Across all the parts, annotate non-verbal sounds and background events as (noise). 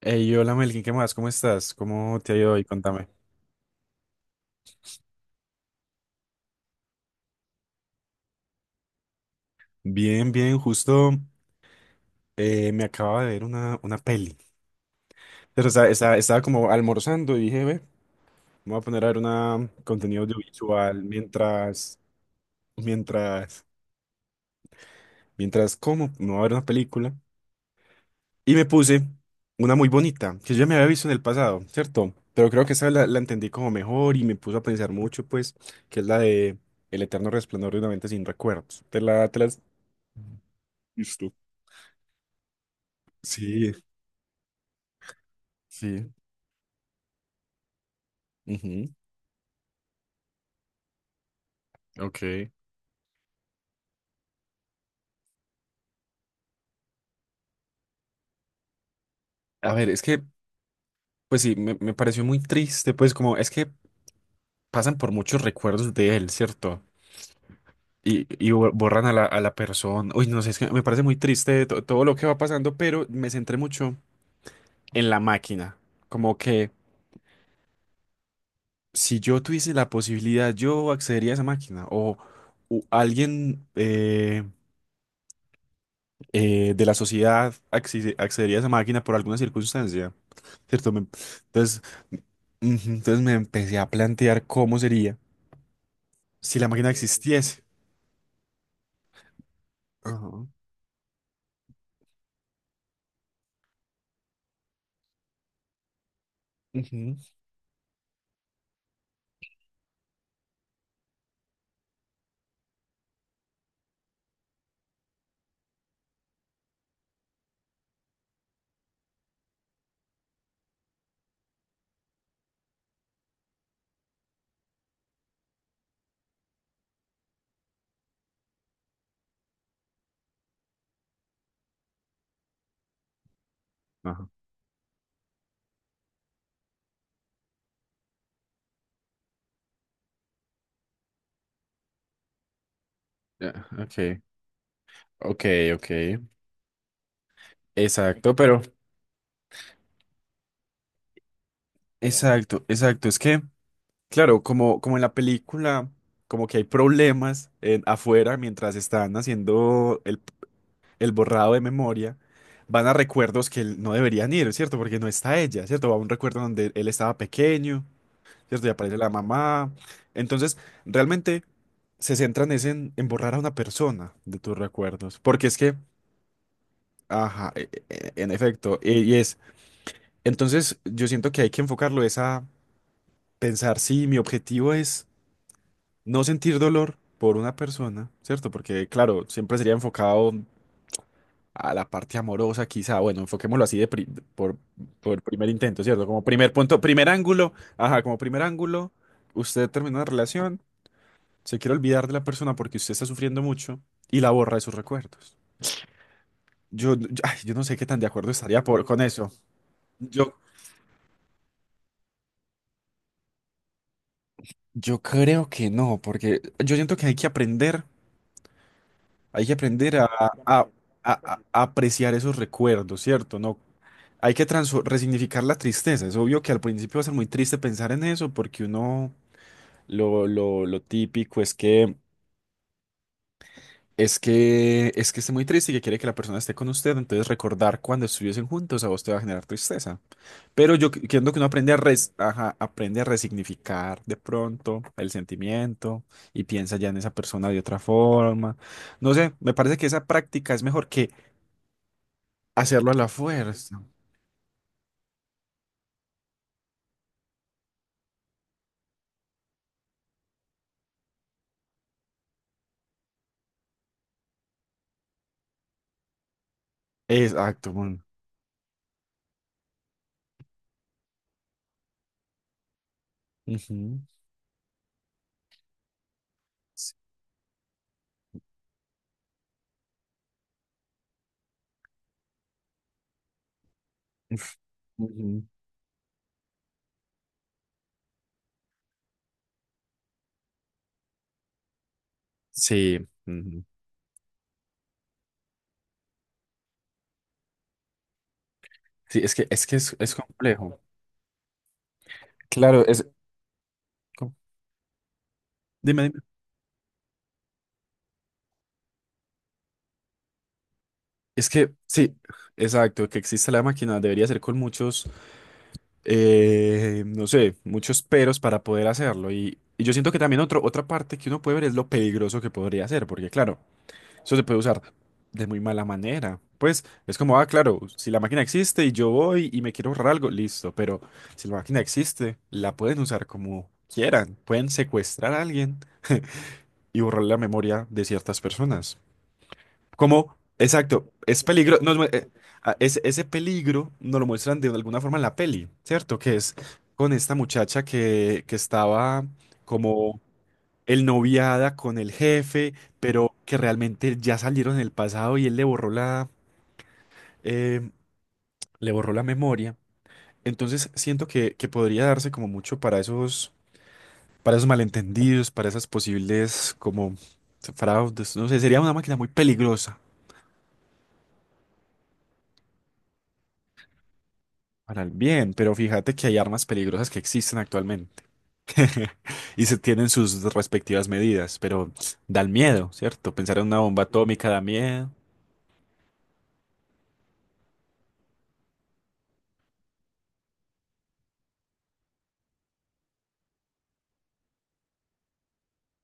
Hey, hola Melkin, ¿qué más? ¿Cómo estás? ¿Cómo te ha ido hoy? Contame. Bien, bien, justo me acababa de ver una peli. Estaba como almorzando y dije, ve, me voy a poner a ver una contenido audiovisual mientras, mientras como, me voy a ver una película. Y me puse una muy bonita, que yo ya me había visto en el pasado, ¿cierto? Pero creo que esa la entendí como mejor y me puso a pensar mucho, pues, que es la de El eterno resplandor de una mente sin recuerdos. Te la has visto? Sí. Sí. Ujú. Ok. A ver, es que, pues sí, me pareció muy triste, pues como es que pasan por muchos recuerdos de él, ¿cierto? Y borran a a la persona. Uy, no sé, es que me parece muy triste todo lo que va pasando, pero me centré mucho en la máquina. Como que si yo tuviese la posibilidad, yo accedería a esa máquina. O, alguien, de la sociedad accedería a esa máquina por alguna circunstancia, ¿cierto? Me- Entonces, ujú, entonces me empecé a plantear cómo sería si la máquina existiese. Ajá. Ujú. Ajá. Ya, ok, ok. Exacto, pero... Exacto, exacto. Es que, claro, como en la película, como que hay problemas en, afuera mientras están haciendo el borrado de memoria, van a recuerdos que él- no deberían ir, ¿cierto? Porque no está ella, ¿cierto? Va a un recuerdo donde él estaba pequeño, ¿cierto? Y aparece la mamá. Entonces, realmente se centran es en borrar a una persona de tus recuerdos. Porque es que, ajá, e, en efecto, y es. Entonces, yo siento que hay que enfocarlo es a pensar, sí, mi objetivo es no sentir dolor por una persona, ¿cierto? Porque, claro, siempre sería enfocado a la parte amorosa, quizá, bueno, enfoquémoslo así por, por primer intento, ¿cierto? Como primer punto, primer ángulo, ajá, como primer ángulo, usted termina una relación, se quiere olvidar de la persona porque usted está sufriendo mucho y la borra de sus recuerdos. Ay, yo no sé qué tan de acuerdo estaría por, con eso. Yo, yo creo que no, porque yo siento que hay que aprender a, a apreciar esos recuerdos, ¿cierto? No hay que resignificar la tristeza. Es obvio que al principio va a ser muy triste pensar en eso, porque uno lo típico es que esté muy triste y que quiere que la persona esté con usted. Entonces recordar cuando estuviesen juntos a vos te va a generar tristeza. Pero yo quiero que uno aprende a ajá, aprende a resignificar de pronto el sentimiento y piensa ya en esa persona de otra forma. No sé, me parece que esa práctica es mejor que hacerlo a la fuerza. Exacto. Bueno. Ujú. Uf. Ujú. Sí, ujú. Sí, es que, es que es complejo. Claro, es... co- Dime, dime. Es que, sí, exacto, que existe la máquina debería ser con muchos, no sé, muchos peros para poder hacerlo. Y yo siento que también otro, otra parte que uno puede ver es lo peligroso que podría ser, porque claro, eso se puede usar de muy mala manera. Pues es como, ah, claro, si la máquina existe y yo voy y me quiero ahorrar algo, listo, pero si la máquina existe, la pueden usar como quieran, pueden secuestrar a alguien y borrar la memoria de ciertas personas. Como, exacto, es peligro, ah, ese peligro nos lo muestran de alguna forma en la peli, ¿cierto? Que es con esta muchacha que estaba como el noviada con el jefe, pero que realmente ya salieron en el pasado y él eh, le borró la memoria. Entonces siento que podría darse como mucho para esos malentendidos, para esas posibles como fraudes, no sé, sería una máquina muy peligrosa. Para el bien, pero fíjate que hay armas peligrosas que existen actualmente (laughs) y se tienen sus respectivas medidas, pero da el miedo, ¿cierto? Pensar en una bomba atómica da miedo.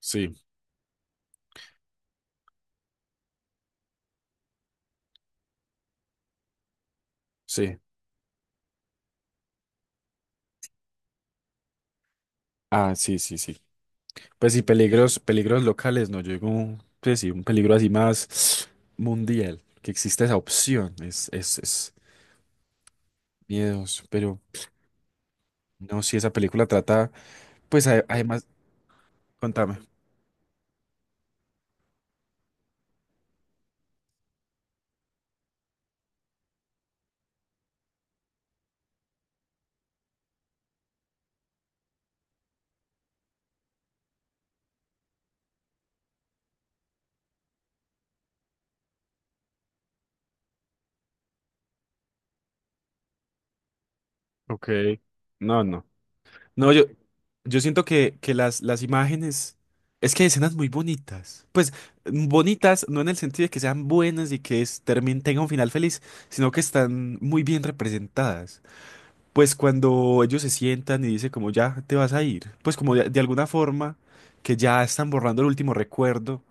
Sí, sí. Ah, sí, sí, sí. Pues sí, peligros, peligros locales, no llegó, pues sí, un peligro así más mundial, que existe esa opción, es miedos, pero no, si esa película trata, pues además, contame. Ok. No, no. No, yo siento que las imágenes, es que hay escenas muy bonitas. Pues mm, bonitas, no en el sentido de que sean buenas y que es, tenga un final feliz, sino que están muy bien representadas. Pues cuando ellos se sientan y dicen como ya te vas a ir, pues como de alguna forma que ya están borrando el último recuerdo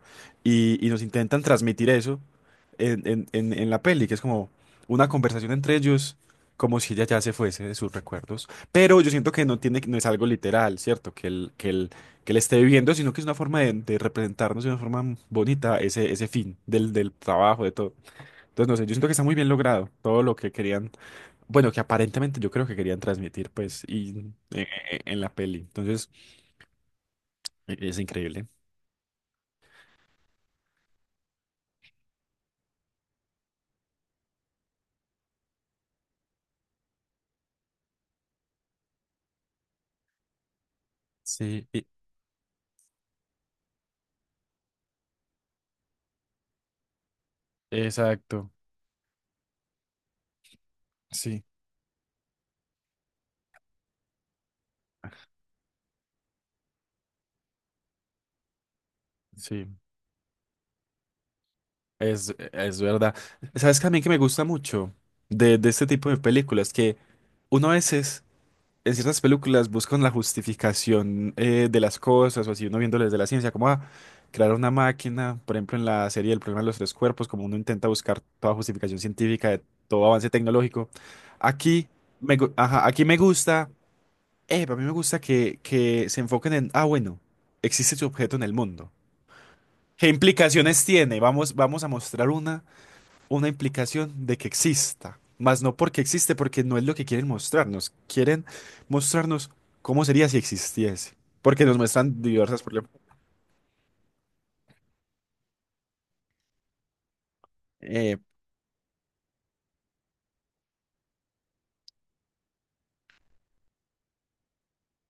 y nos intentan transmitir eso en la peli, que es como una conversación entre ellos, como si ella ya se fuese de sus recuerdos. Pero yo siento que no tiene, no es algo literal, ¿cierto? Que que él esté viviendo, sino que es una forma de representarnos de una forma bonita ese, ese fin del, del trabajo, de todo. Entonces, no sé, yo siento que está muy bien logrado todo lo que querían bueno, que aparentemente yo creo que querían transmitir, pues, y, en la peli. Entonces, es increíble. Sí, y- exacto. Sí, sí, es, e, es verdad. ¿Sabes también que me gusta mucho de este tipo de películas? Que uno a veces en ciertas películas buscan la justificación de las cosas, o así uno viéndolo desde la ciencia, como ah, crear una máquina, por ejemplo, en la serie El problema de los tres cuerpos, como uno intenta buscar toda justificación científica de todo avance tecnológico. Aquí me, ajá, aquí me gusta, a mí me gusta que se enfoquen en, ah, bueno, existe su objeto en el mundo. ¿Qué implicaciones tiene? Vamos a mostrar una implicación de que exista, más no porque existe, porque no es lo que quieren mostrarnos. Quieren mostrarnos cómo sería si existiese, porque nos muestran diversas problemas. Eh,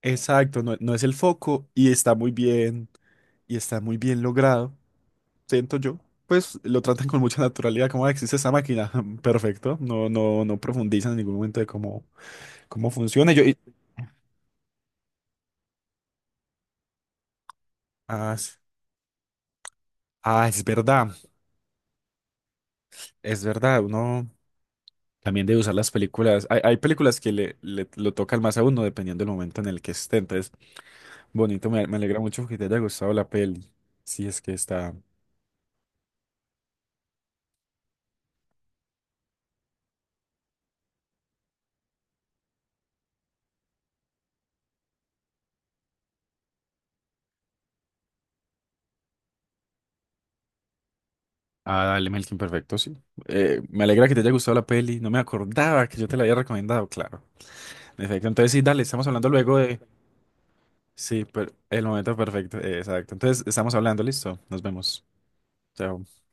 exacto, no, no es el foco y está muy bien, y está muy bien logrado, siento yo. Pues lo tratan con mucha naturalidad, como "Ah, existe esa máquina, (laughs) perfecto. No, no, no profundizan en ningún momento de cómo, cómo funciona. Yo, y- ah, es ah, es verdad, uno. También de usar las películas. Hay películas que le, lo tocan más a uno dependiendo del momento en el que esté. Entonces, bonito, me alegra mucho que te haya gustado la peli. Si es que está. Ah, dale, Melkin, perfecto, sí. Me alegra que te haya gustado la peli. No me acordaba que yo te la había recomendado, claro. En efecto, entonces sí, dale, estamos hablando luego de. Sí, pero el momento perfecto, exacto. Entonces, estamos hablando, listo. Nos vemos. Chao.